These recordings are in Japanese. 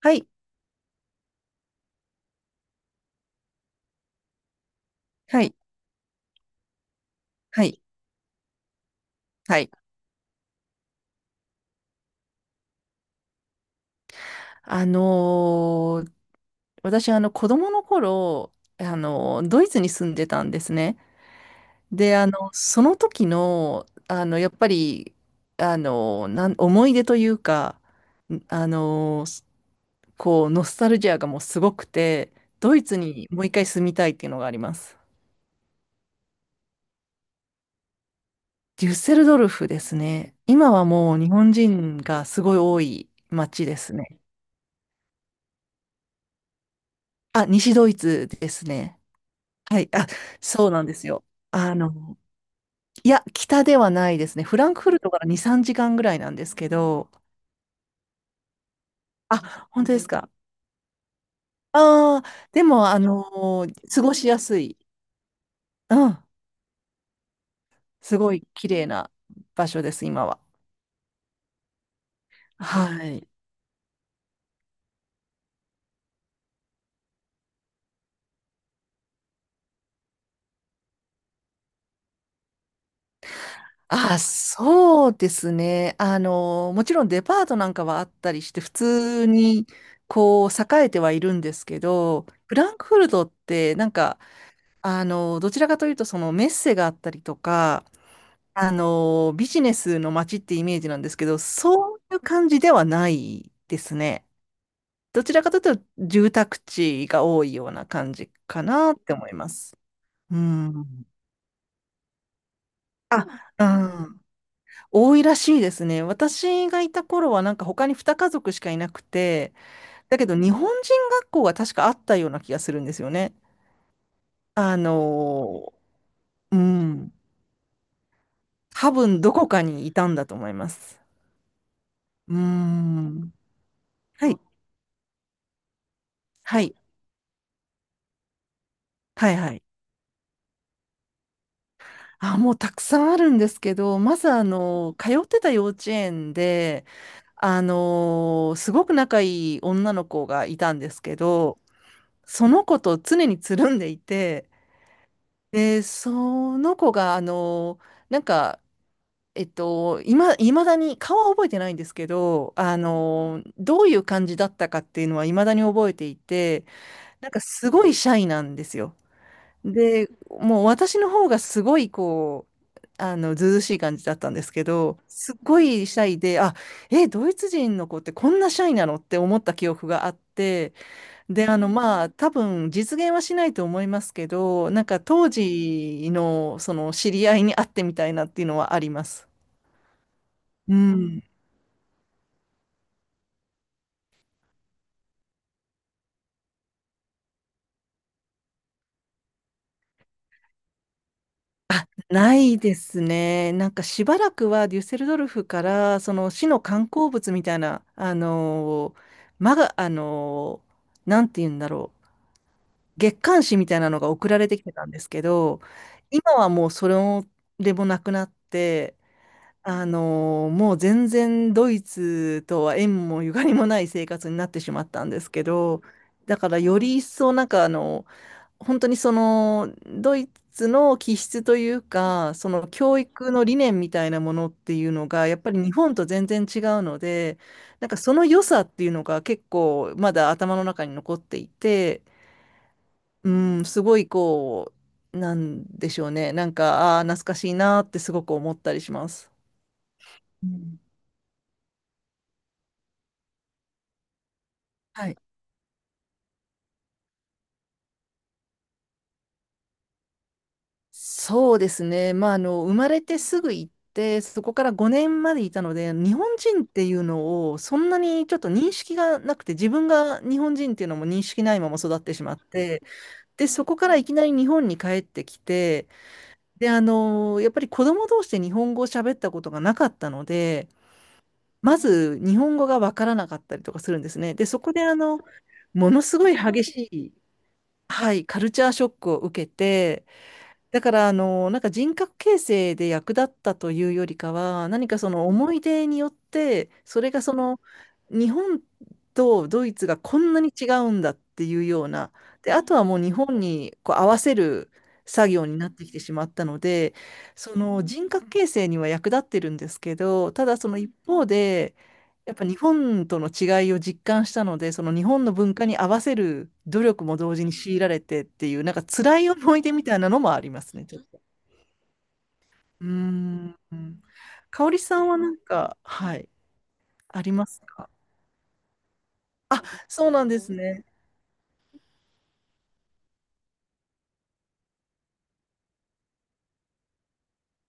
はい、はい、はい、はい。あのー私、子供の頃、ドイツに住んでたんですね。で、その時の、やっぱり、あのーなん、思い出というか、んあのーこう、ノスタルジアがもうすごくて、ドイツにもう一回住みたいっていうのがあります。デュッセルドルフですね。今はもう日本人がすごい多い街ですね。あ、西ドイツですね。はい。あ、そうなんですよ。あの、いや、北ではないですね。フランクフルトから2、3時間ぐらいなんですけど、あ、本当ですか。ああ、でも、過ごしやすい。うん。すごい綺麗な場所です、今は。はい。あ、そうですね。あの、もちろんデパートなんかはあったりして、普通に、こう、栄えてはいるんですけど、フランクフルトって、なんか、あの、どちらかというと、そのメッセがあったりとか、あの、ビジネスの街ってイメージなんですけど、そういう感じではないですね。どちらかというと、住宅地が多いような感じかなって思います。うん。あ、うん。多いらしいですね。私がいた頃はなんか他に2家族しかいなくて、だけど日本人学校が確かあったような気がするんですよね。あの、うん。多分どこかにいたんだと思います。うん。はい。はい。はいはい。あ、もうたくさんあるんですけど、まずあの、通ってた幼稚園で、あの、すごく仲いい女の子がいたんですけど、その子と常につるんでいて、で、その子がなんか、今、いまだに、顔は覚えてないんですけど、あの、どういう感じだったかっていうのはいまだに覚えていて、なんかすごいシャイなんですよ。で、もう私の方がすごいこう、あの、ずうずうしい感じだったんですけど、すっごいシャイで、あ、え、ドイツ人の子ってこんなシャイなのって思った記憶があって、で、あの、まあ、多分実現はしないと思いますけど、なんか当時のその知り合いに会ってみたいなっていうのはあります。うん。ないですね。なんかしばらくはデュッセルドルフからその市の観光物みたいな、あのーまが、あのーなんて言うんだろう、月刊誌みたいなのが送られてきてたんですけど、今はもうそれもでもなくなって、もう全然ドイツとは縁もゆかりもない生活になってしまったんですけど、だからより一層本当にそのドイツの気質というか、その教育の理念みたいなものっていうのが、やっぱり日本と全然違うので、なんかその良さっていうのが結構まだ頭の中に残っていて、うん、すごいこう、なんでしょうね、なんか、ああ、懐かしいなってすごく思ったりします。うん、はい、そうですね。まあ、あの、生まれてすぐ行って、そこから5年までいたので、日本人っていうのを、そんなにちょっと認識がなくて、自分が日本人っていうのも認識ないまま育ってしまって、で、そこからいきなり日本に帰ってきて、で、あの、やっぱり子供同士で日本語を喋ったことがなかったので、まず日本語がわからなかったりとかするんですね。で、そこであの、ものすごい激しい、はい、カルチャーショックを受けて、だから、あの、なんか人格形成で役立ったというよりかは、何かその思い出によって、それがその、日本とドイツがこんなに違うんだっていうような、で、あとはもう日本にこう合わせる作業になってきてしまったので、その人格形成には役立ってるんですけど、ただその一方で、やっぱ日本との違いを実感したので、その日本の文化に合わせる努力も同時に強いられてっていう、なんか辛い思い出みたいなのもありますね、ちょっと。うーん。香織さんはなんか、はい、ありますか？そうなんですね。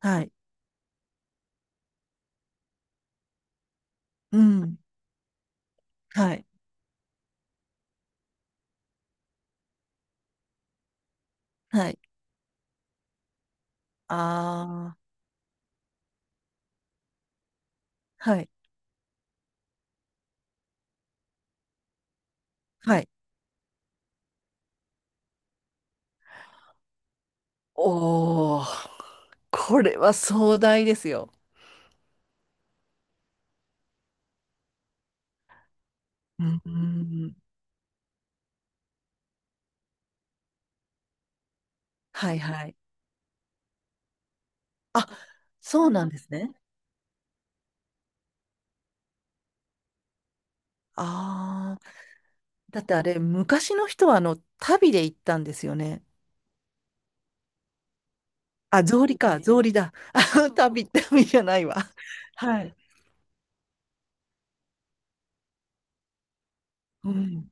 はい。うん。はい。はい。ああ、はい。はい。おお、これは壮大ですよ。うん。うん、はいはい。あ、そうなんですね。ああ。だってあれ、昔の人はあの、旅で行ったんですよね。あ、草履か、草履だ。あ、旅、旅じゃないわ。はい。うん。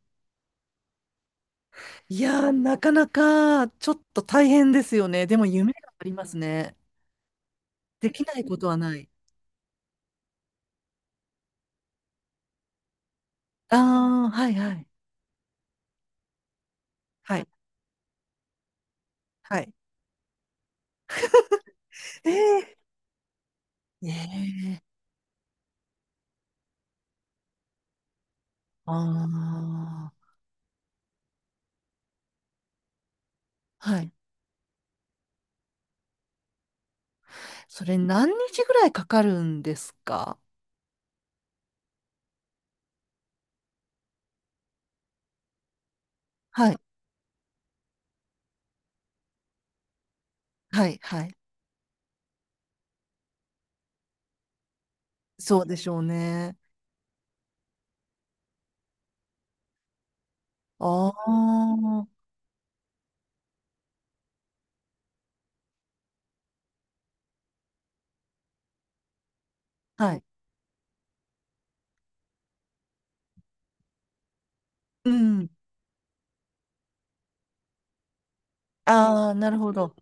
いやー、なかなか、ちょっと大変ですよね。でも夢がありますね。できないことはない。ああ、はいはい。はい。はい。ええええ、ああー、はい。それ何日ぐらいかかるんですか？はい。はい。はい。そうでしょうね。ああ、はい。うん。ああ、なるほど。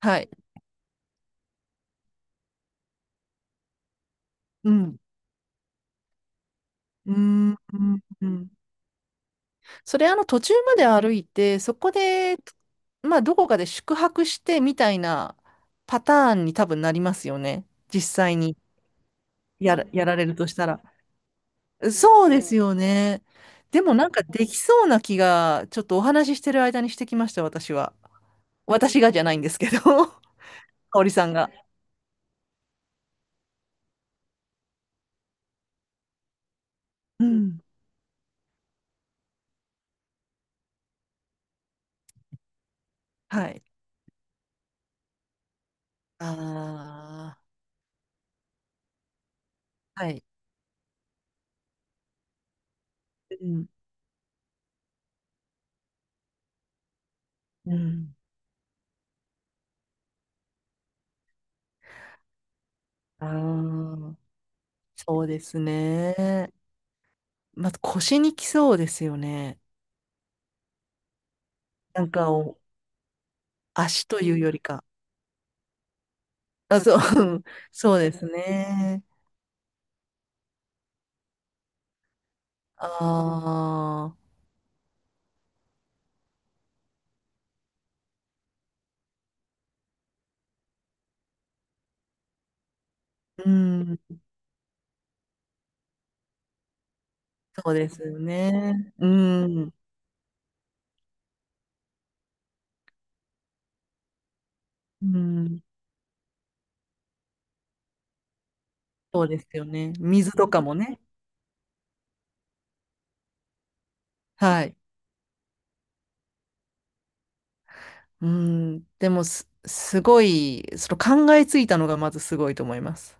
はい。うん。うーん。うんうん、それ、あの、途中まで歩いて、そこで、まあ、どこかで宿泊してみたいなパターンに多分なりますよね。実際にやら、やられるとしたら。そうですよね。でも、なんかできそうな気が、ちょっとお話ししてる間にしてきました、私は。私がじゃないんですけど、香織さんが。うん。はい。ああ。はい。うん。うん。ああ。そうですね。まず腰にきそうですよね。なんかを足というよりか。あ、そう、そうですね。ああ、うん、そうですよね。うん、うん、そうですよね。水とかもね。はい。うん、でもす、すごい、その考えついたのがまずすごいと思います。